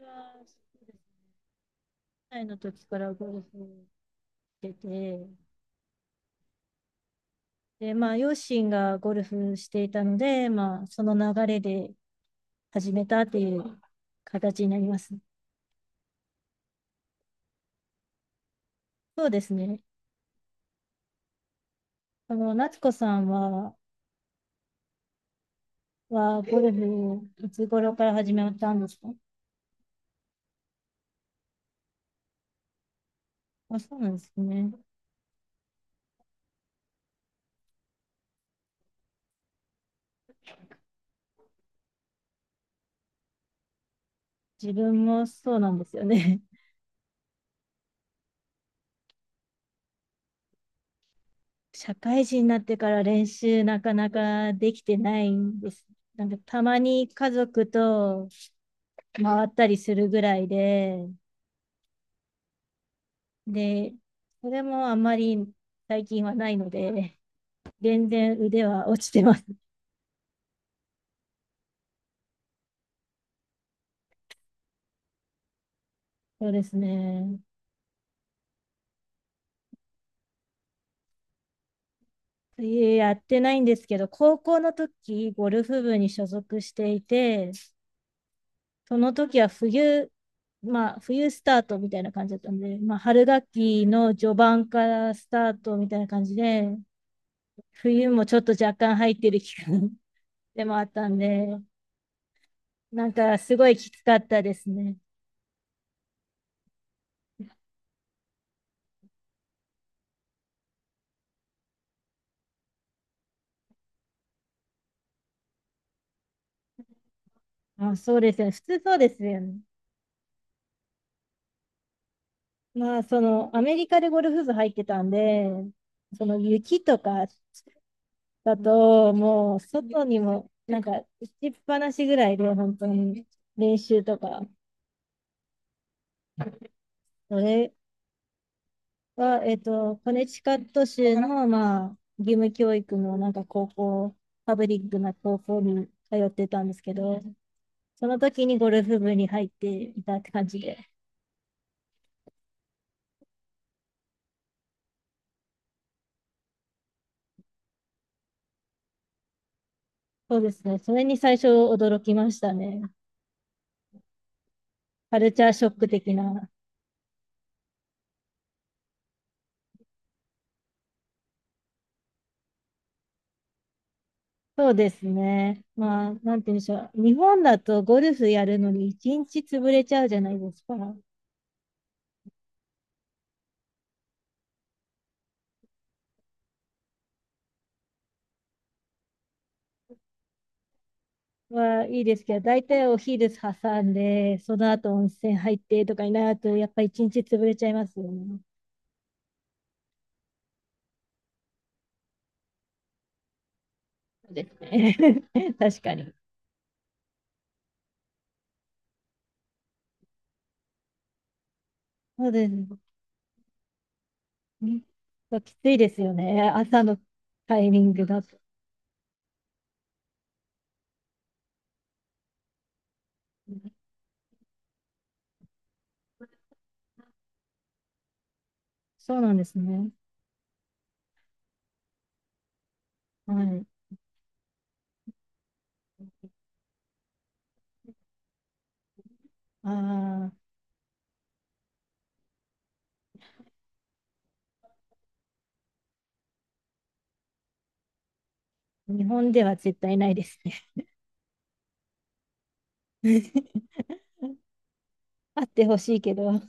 は歳の時からゴルフしてて、で、まあ、両親がゴルフしていたので、その流れで始めたっていう形になります。そうですね。夏子さんは、はゴルフ、いつ頃から始めたんですか？あ、そうなんですね。自分もそうなんですよね。社会人になってから練習なかなかできてないんです。なんかたまに家族と回ったりするぐらいで、で、それもあんまり最近はないので、全然腕は落ちてます。そうですね。水泳やってないんですけど、高校の時、ゴルフ部に所属していて、その時は冬、冬スタートみたいな感じだったんで、春学期の序盤からスタートみたいな感じで、冬もちょっと若干入ってる期間 でもあったんで、なんかすごいきつかったですね。あ、そうですよね。普通そうですよね。アメリカでゴルフ部入ってたんで、その雪とかだと、もう、外にも、打ちっぱなしぐらいで、本当に、練習とか、それは、コネチカット州の、義務教育の、高校、パブリックな高校に通ってたんですけど、その時にゴルフ部に入っていたって感じで、そうですね、それに最初驚きましたね。カルチャーショック的な。そうですね。なんて言うんでしょう。日本だとゴルフやるのに一日潰れちゃうじゃないですか。はいいですけど、大体お昼挟んで、その後温泉入ってとかになると、やっぱ一日潰れちゃいますよね。そうですね。確かに。そうですね。そうきついですよね。朝のタイミングだと。そうなんですね。はい。ああ、日本では絶対ないですね。あってほしいけど。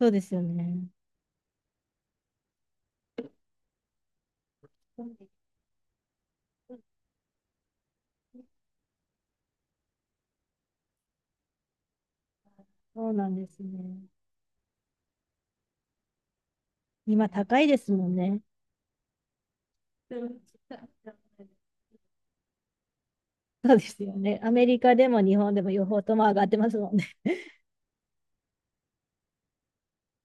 そうですよね。そうなんですね。今高いですもんね。そうですよね。アメリカでも日本でも両方とも上がってますもんね。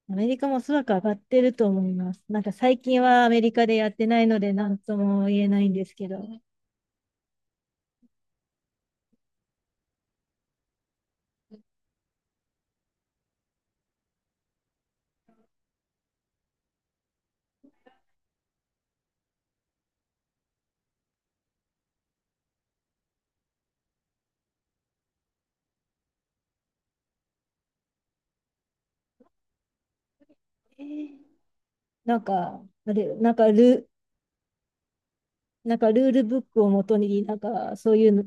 アメリカもおそらく上がってると思います。なんか最近はアメリカでやってないので何とも言えないんですけど、なんか、あれ、なんかルールブックをもとに、なんかそういうの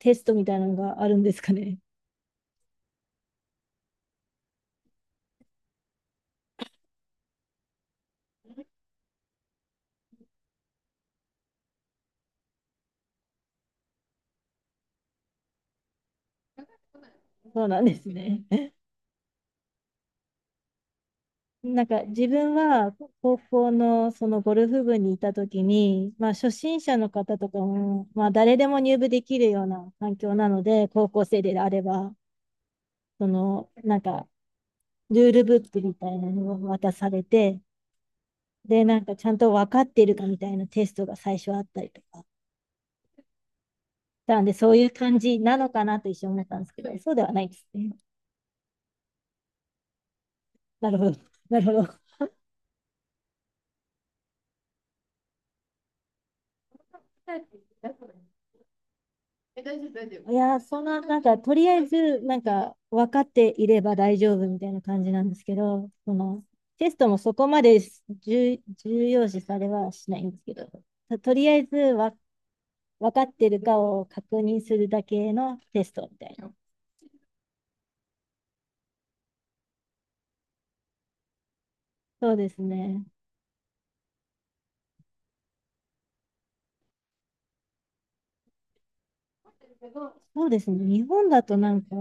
テストみたいなのがあるんですかね？そうなんですね。なんか自分は高校のそのゴルフ部にいた時に、初心者の方とかも、誰でも入部できるような環境なので、高校生であれば、そのルールブックみたいなのを渡されて、で、なんかちゃんと分かっているかみたいなテストが最初あったりとか。なんでそういう感じなのかなと一瞬思ったんですけど、そうではないですね。なるほど。なるほど。いやー、そんな、とりあえず、分かっていれば大丈夫みたいな感じなんですけど、その、テストもそこまで重要視されはしないんですけど、とりあえずわ、分かってるかを確認するだけのテストみたいな。そうですね。そうですね。日本だとなんか、あ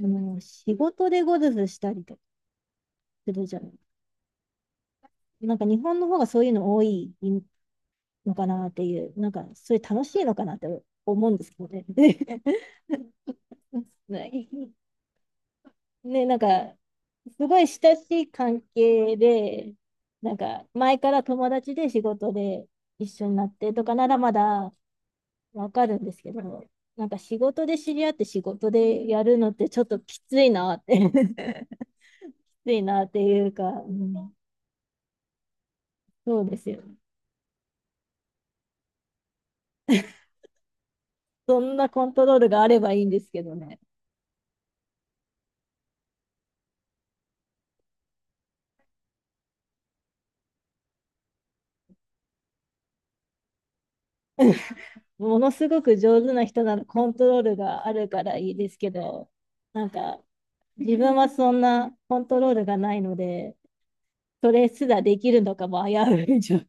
の、仕事でゴルフしたりとかするじゃない。なんか、日本の方がそういうの多いのかなっていう、なんか、それ楽しいのかなって思うんですけどね。ないね、すごい親しい関係で、前から友達で仕事で一緒になってとかならまだわかるんですけど、なんか仕事で知り合って仕事でやるのってちょっときついなって きついなっていうか、うん、そうですよ。そんなコントロールがあればいいんですけどね。ものすごく上手な人ならコントロールがあるからいいですけど、なんか、自分はそんなコントロールがないので、それすらできるのかも危うい状況。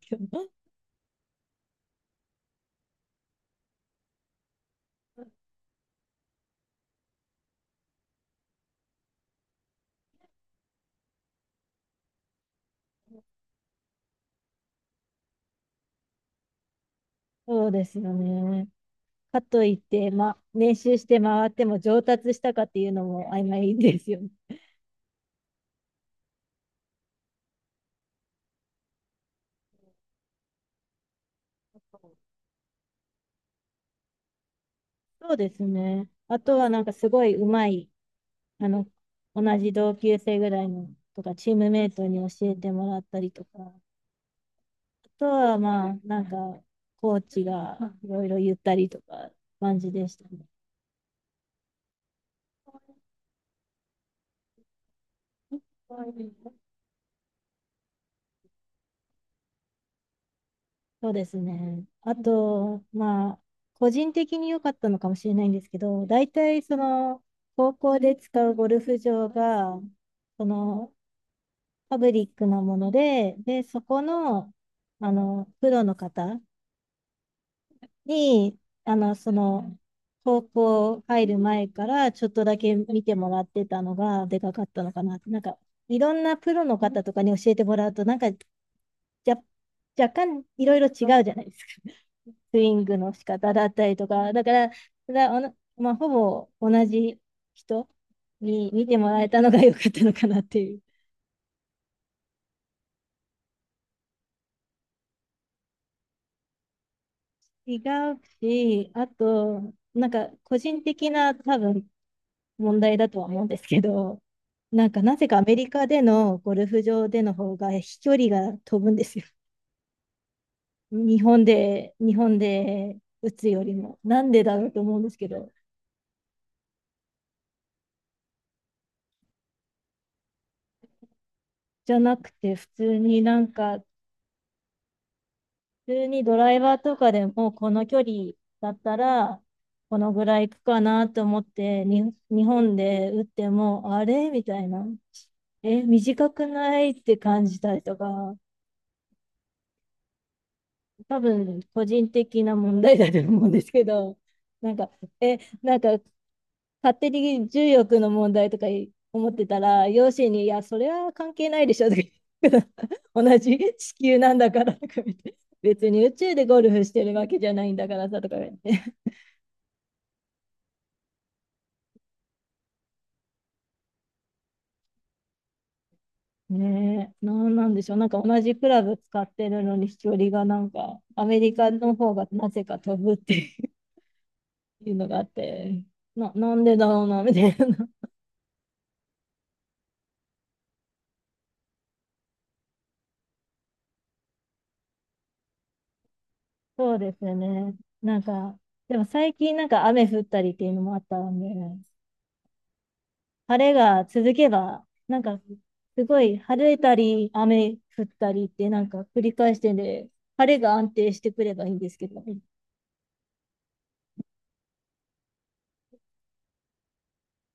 そうですよね。かといって、練習して回っても上達したかっていうのも曖昧ですよね。そうですね。あとはなんかすごい上手い、あの、同じ同級生ぐらいのとか、チームメイトに教えてもらったりとか、あとはコーチがいろいろ言ったりとか、感じでしたね。そうですね。あと、まあ、個人的に良かったのかもしれないんですけど、大体その、高校で使うゴルフ場が、その、パブリックなもので、で、そこの、プロの方に、あの、その、高校入る前からちょっとだけ見てもらってたのがでかかったのかな。なんか、いろんなプロの方とかに教えてもらうと、なんか、ゃ、若干いろいろ違うじゃないですか。スイングの仕方だったりとか、だから、だおなまあ、ほぼ同じ人に見てもらえたのが良かったのかなっていう。違うし、あと、なんか個人的な多分問題だとは思うんですけど、なんかなぜかアメリカでのゴルフ場での方が飛距離が飛ぶんですよ。日本で打つよりも。なんでだろうと思うんですけど。じゃなくて、普通にドライバーとかでもこの距離だったらこのぐらいいくかなと思ってに日本で打ってもあれみたいな。え、短くないって感じたりとか、多分個人的な問題だと思うんですけど、なんか、え、なんか勝手に重力の問題とかい思ってたら、両親に、いや、それは関係ないでしょとか言って 同じ地球なんだからとか言って、別に宇宙でゴルフしてるわけじゃないんだからさとか言って。ねえ、なんなんでしょう。なんか同じクラブ使ってるのに飛距離がなんか、アメリカの方がなぜか飛ぶっていうのがあって、なんでだろうな、みたいな。そうですよね。なんか、でも最近なんか雨降ったりっていうのもあったんで、晴れが続けば、なんか、すごい晴れたり、雨降ったりって、なんか繰り返してんで、晴れが安定してくればいいんですけど。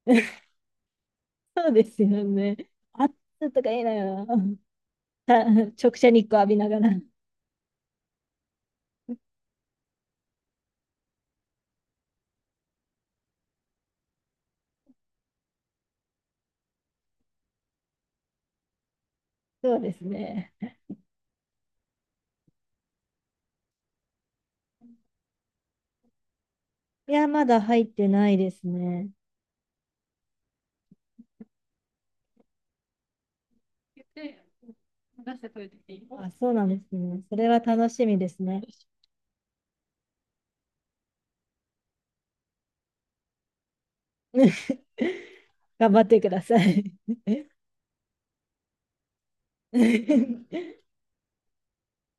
そうですよね。暑とかいいなよ。た直射日光浴びながら。そうですね。いや、まだ入ってないですね。あ、そうなんですね。それは楽しみですね。頑張ってください。